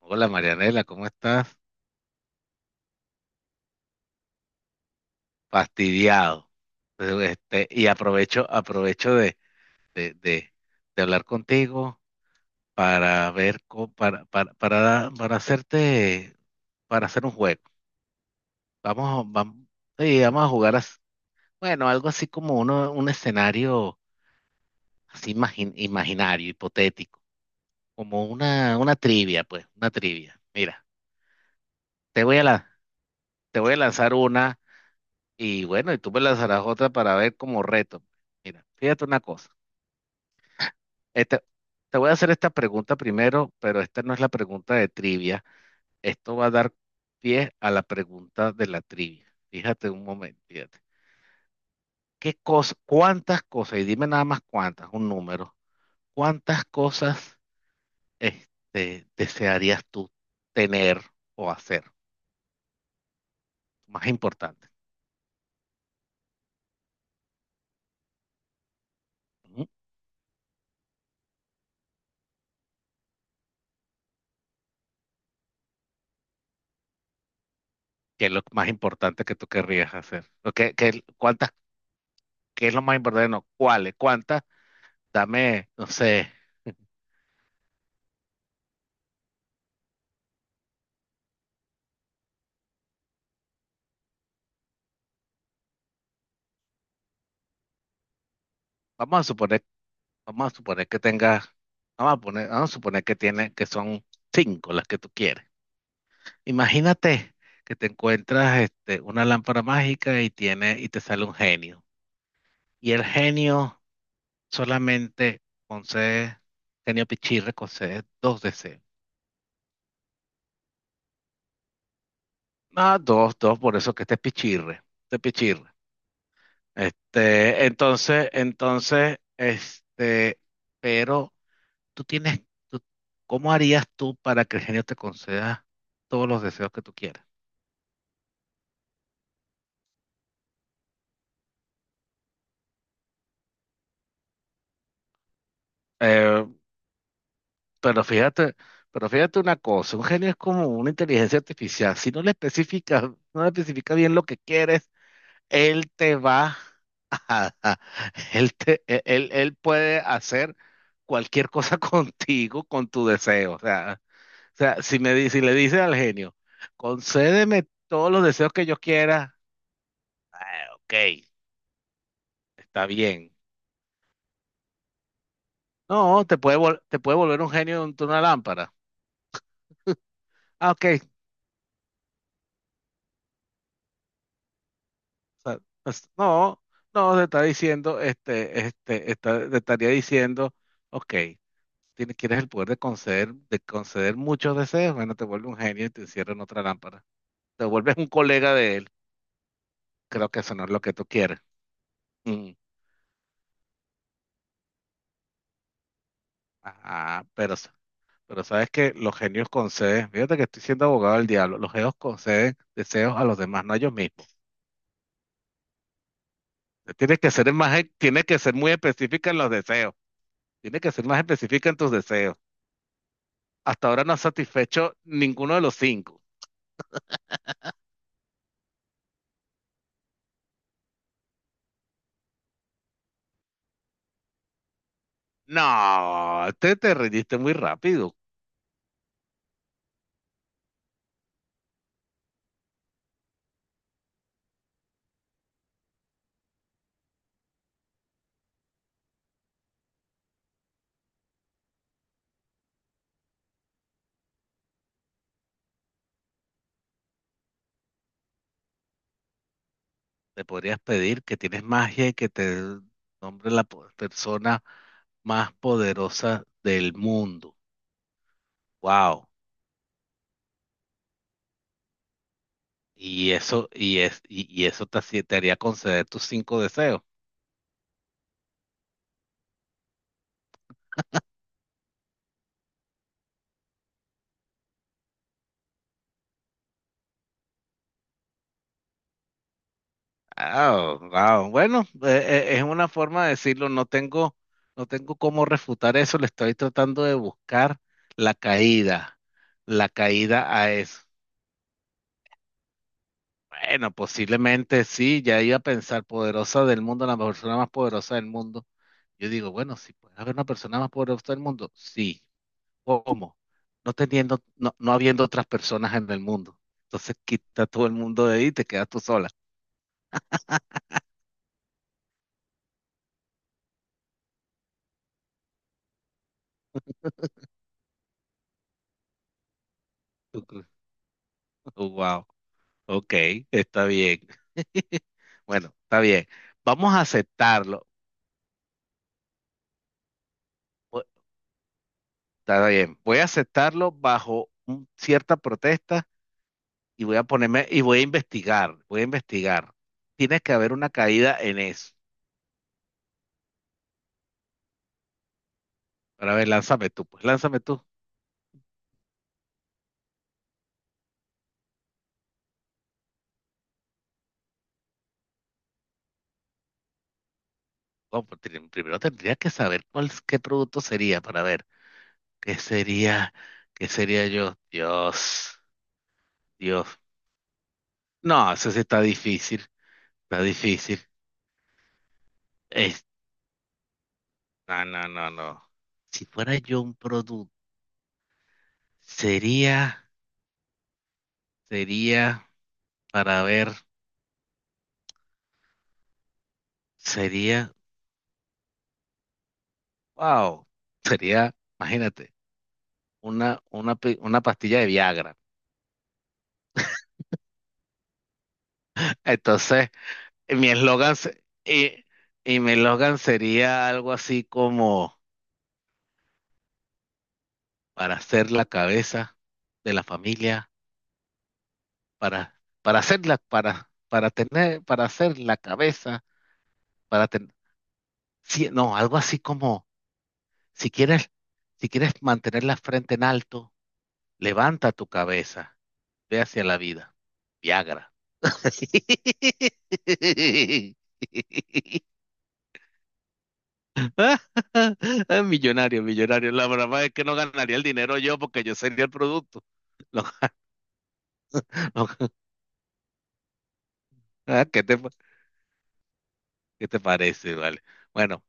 Hola, Marianela, ¿cómo estás? Fastidiado. Entonces, y aprovecho, aprovecho de, de- de hablar contigo para ver, para hacer un juego. Vamos, vamos, sí, vamos a jugar, bueno, algo así como un escenario así imaginario, hipotético, como una trivia, pues, una trivia. Mira, te voy a la, te voy a lanzar una. Y bueno, y tú me lanzarás otra para ver como reto. Mira, fíjate una cosa. Este- te voy a hacer esta pregunta primero, pero esta no es la pregunta de trivia. Esto va a dar pie a la pregunta de la trivia. Fíjate un momento, fíjate. ¿Qué cosa, cuántas cosas, y dime nada más cuántas, Un número, cuántas cosas, ¿desearías tú tener o hacer? Más importante. Ujú. ¿Qué es lo más importante que tú querrías hacer? ¿O qué- qué- cuántas qué es lo más importante? No, cuáles, cuántas, dame, no sé, vamos a suponer, vamos a suponer que tenga, vamos a suponer que tiene, que son cinco las que tú quieres. Imagínate que te encuentras, una lámpara mágica y tiene, y te sale un genio. Y el genio solamente concede, genio pichirre concede dos deseos. Ah, dos, dos, por eso que este es pichirre, este es pichirre. Entonces, pero tú tienes, tú- ¿cómo harías tú para que el genio te conceda todos los deseos que tú quieras? Eh, pero fíjate, pero fíjate una cosa, un genio es como una inteligencia artificial. Si no le especificas, no le especifica bien lo que quieres, él te va a, él te, él, él él puede hacer cualquier cosa contigo, con tu deseo. O sea, si si le dices al genio, concédeme todos los deseos que yo quiera, ah, ok, está bien. No, te puede volver un genio de de una lámpara. Ah, ok. O sea, pues, no, te está diciendo, te estaría diciendo, ok, quieres el poder de conceder muchos deseos, bueno, te vuelve un genio y te encierra en otra lámpara. Te vuelves un colega de él. Creo que eso no es lo que tú quieres. Mm, ajá, pero sabes que los genios conceden, fíjate que estoy siendo abogado del diablo, los genios conceden deseos a los demás, no a ellos mismos. Tienes que ser más, tienes que ser muy específica en los deseos. Tienes que ser más específica en tus deseos. Hasta ahora no has satisfecho ninguno de los cinco. No, te rendiste muy rápido. Te podrías pedir que tienes magia y que te nombre la persona más poderosa del mundo. Wow. Y eso, y es, y eso te haría conceder tus cinco deseos. Ah, wow. Bueno, es una forma de decirlo. No tengo cómo refutar eso. Le estoy tratando de buscar la caída, la caída a eso. Bueno, posiblemente sí. Ya iba a pensar poderosa del mundo, la persona más poderosa del mundo. Yo digo, bueno, si puede haber una persona más poderosa del mundo, sí. ¿Cómo? No teniendo, no, no habiendo otras personas en el mundo. Entonces quita todo el mundo de ahí y te quedas tú sola. Wow. Ok, está bien. Bueno, está bien. Vamos a aceptarlo. Bu- Está bien. Voy a aceptarlo bajo cierta protesta y voy a ponerme y voy a investigar. Voy a investigar. Tiene que haber una caída en eso. Pero a ver, lánzame tú. Pues lánzame tú. No, pues, primero tendría que saber qué producto sería para ver qué sería, qué sería yo. Dios, Dios. No, eso sí está difícil. Está difícil. Es- no, no. Si fuera yo un producto, sería. Sería, para ver, sería, wow, sería, imagínate, una pastilla de Viagra. Entonces, mi eslogan se- y mi eslogan sería algo así como para ser la cabeza de la familia, para tener, para ser la cabeza, para tener, no, algo así como, si quieres, si quieres mantener la frente en alto, levanta tu cabeza, ve hacia la vida. Viagra. Ah, millonario, millonario. La verdad es que no ganaría el dinero yo porque yo sería el producto. No, no. Ah, qué te parece? Vale. Bueno,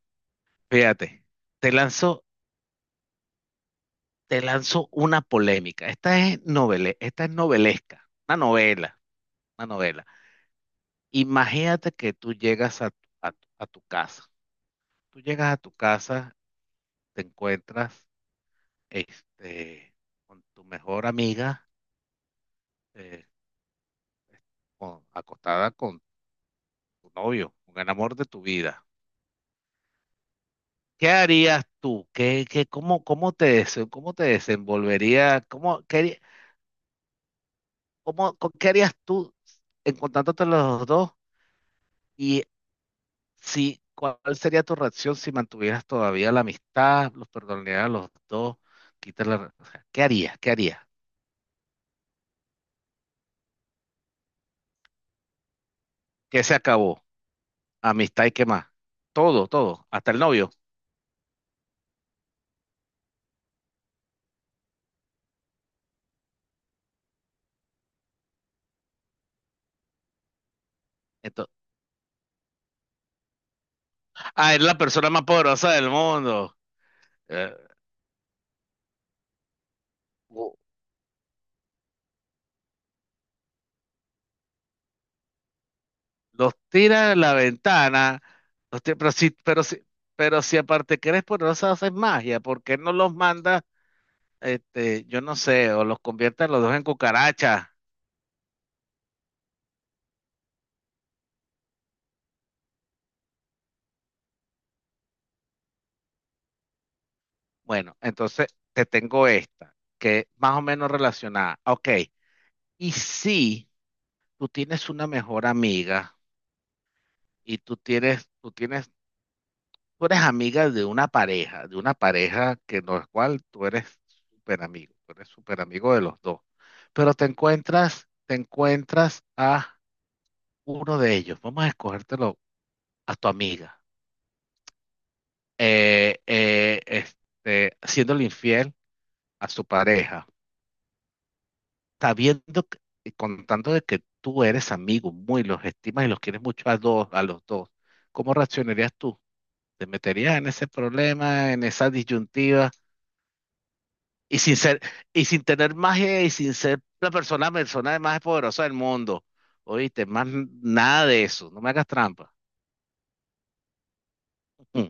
fíjate, te lanzo, te lanzo una polémica. Esta es novele, esta es novelesca, una novela. Imagínate que tú llegas a, a tu casa. Tú llegas a tu casa, te encuentras, este, con tu mejor amiga, eh, acostada con tu novio, con el amor de tu vida. ¿Qué harías tú? Cómo cómo te desenvolverías? ¿Cómo, qué, haría- cómo, con- qué harías tú encontrándote los dos? Y si, ¿cuál sería tu reacción si mantuvieras todavía la amistad, los perdonarías a los dos? O sea, ¿qué harías? ¿Qué harías? ¿Qué se acabó? Amistad y qué más. Todo, todo, hasta el novio. Entonces, ah, eres la persona más poderosa del mundo. Eh, los tira de la ventana, los tira- pero si, pero si, pero si aparte que eres poderosa haces magia, ¿por qué no los manda, este, yo no sé, o los conviertes los dos en cucarachas? Bueno, entonces te tengo esta, que es más o menos relacionada. Ok, y si tú tienes una mejor amiga y tú eres amiga de una pareja que no es cual tú eres súper amigo, tú eres súper amigo de los dos, pero te encuentras a uno de ellos, vamos a escogértelo a tu amiga, siéndole infiel a su pareja, sabiendo que- y contando de que tú eres amigo, muy los estimas y los quieres mucho a dos, a los dos, ¿cómo reaccionarías tú? ¿Te meterías en ese problema, en esa disyuntiva? Y sin ser, y sin tener magia y sin ser la persona más poderosa del mundo. Oíste, más nada de eso. No me hagas trampa. Mm,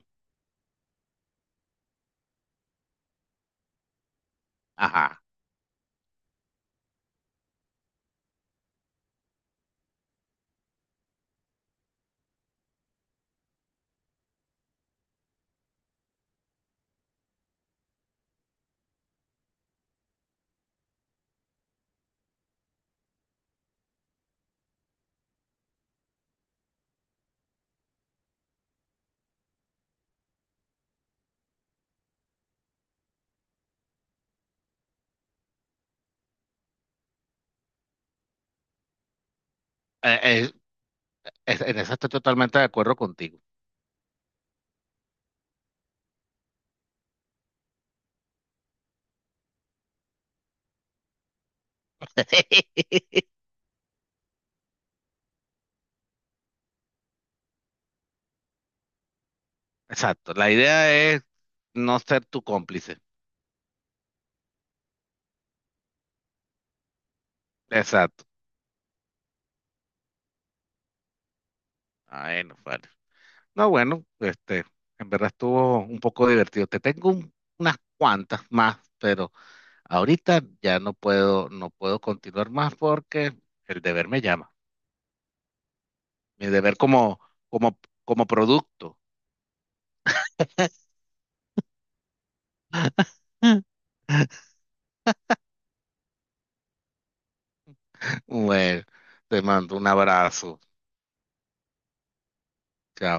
ajá. Eh, eh, en eso estoy totalmente de acuerdo contigo. Exacto. La idea es no ser tu cómplice. Exacto. Ay, no, vale. No, bueno, este, en verdad estuvo un poco divertido. Te tengo unas cuantas más, pero ahorita no puedo continuar más porque el deber me llama. Mi como, como producto. Bueno, te mando un abrazo. Chao.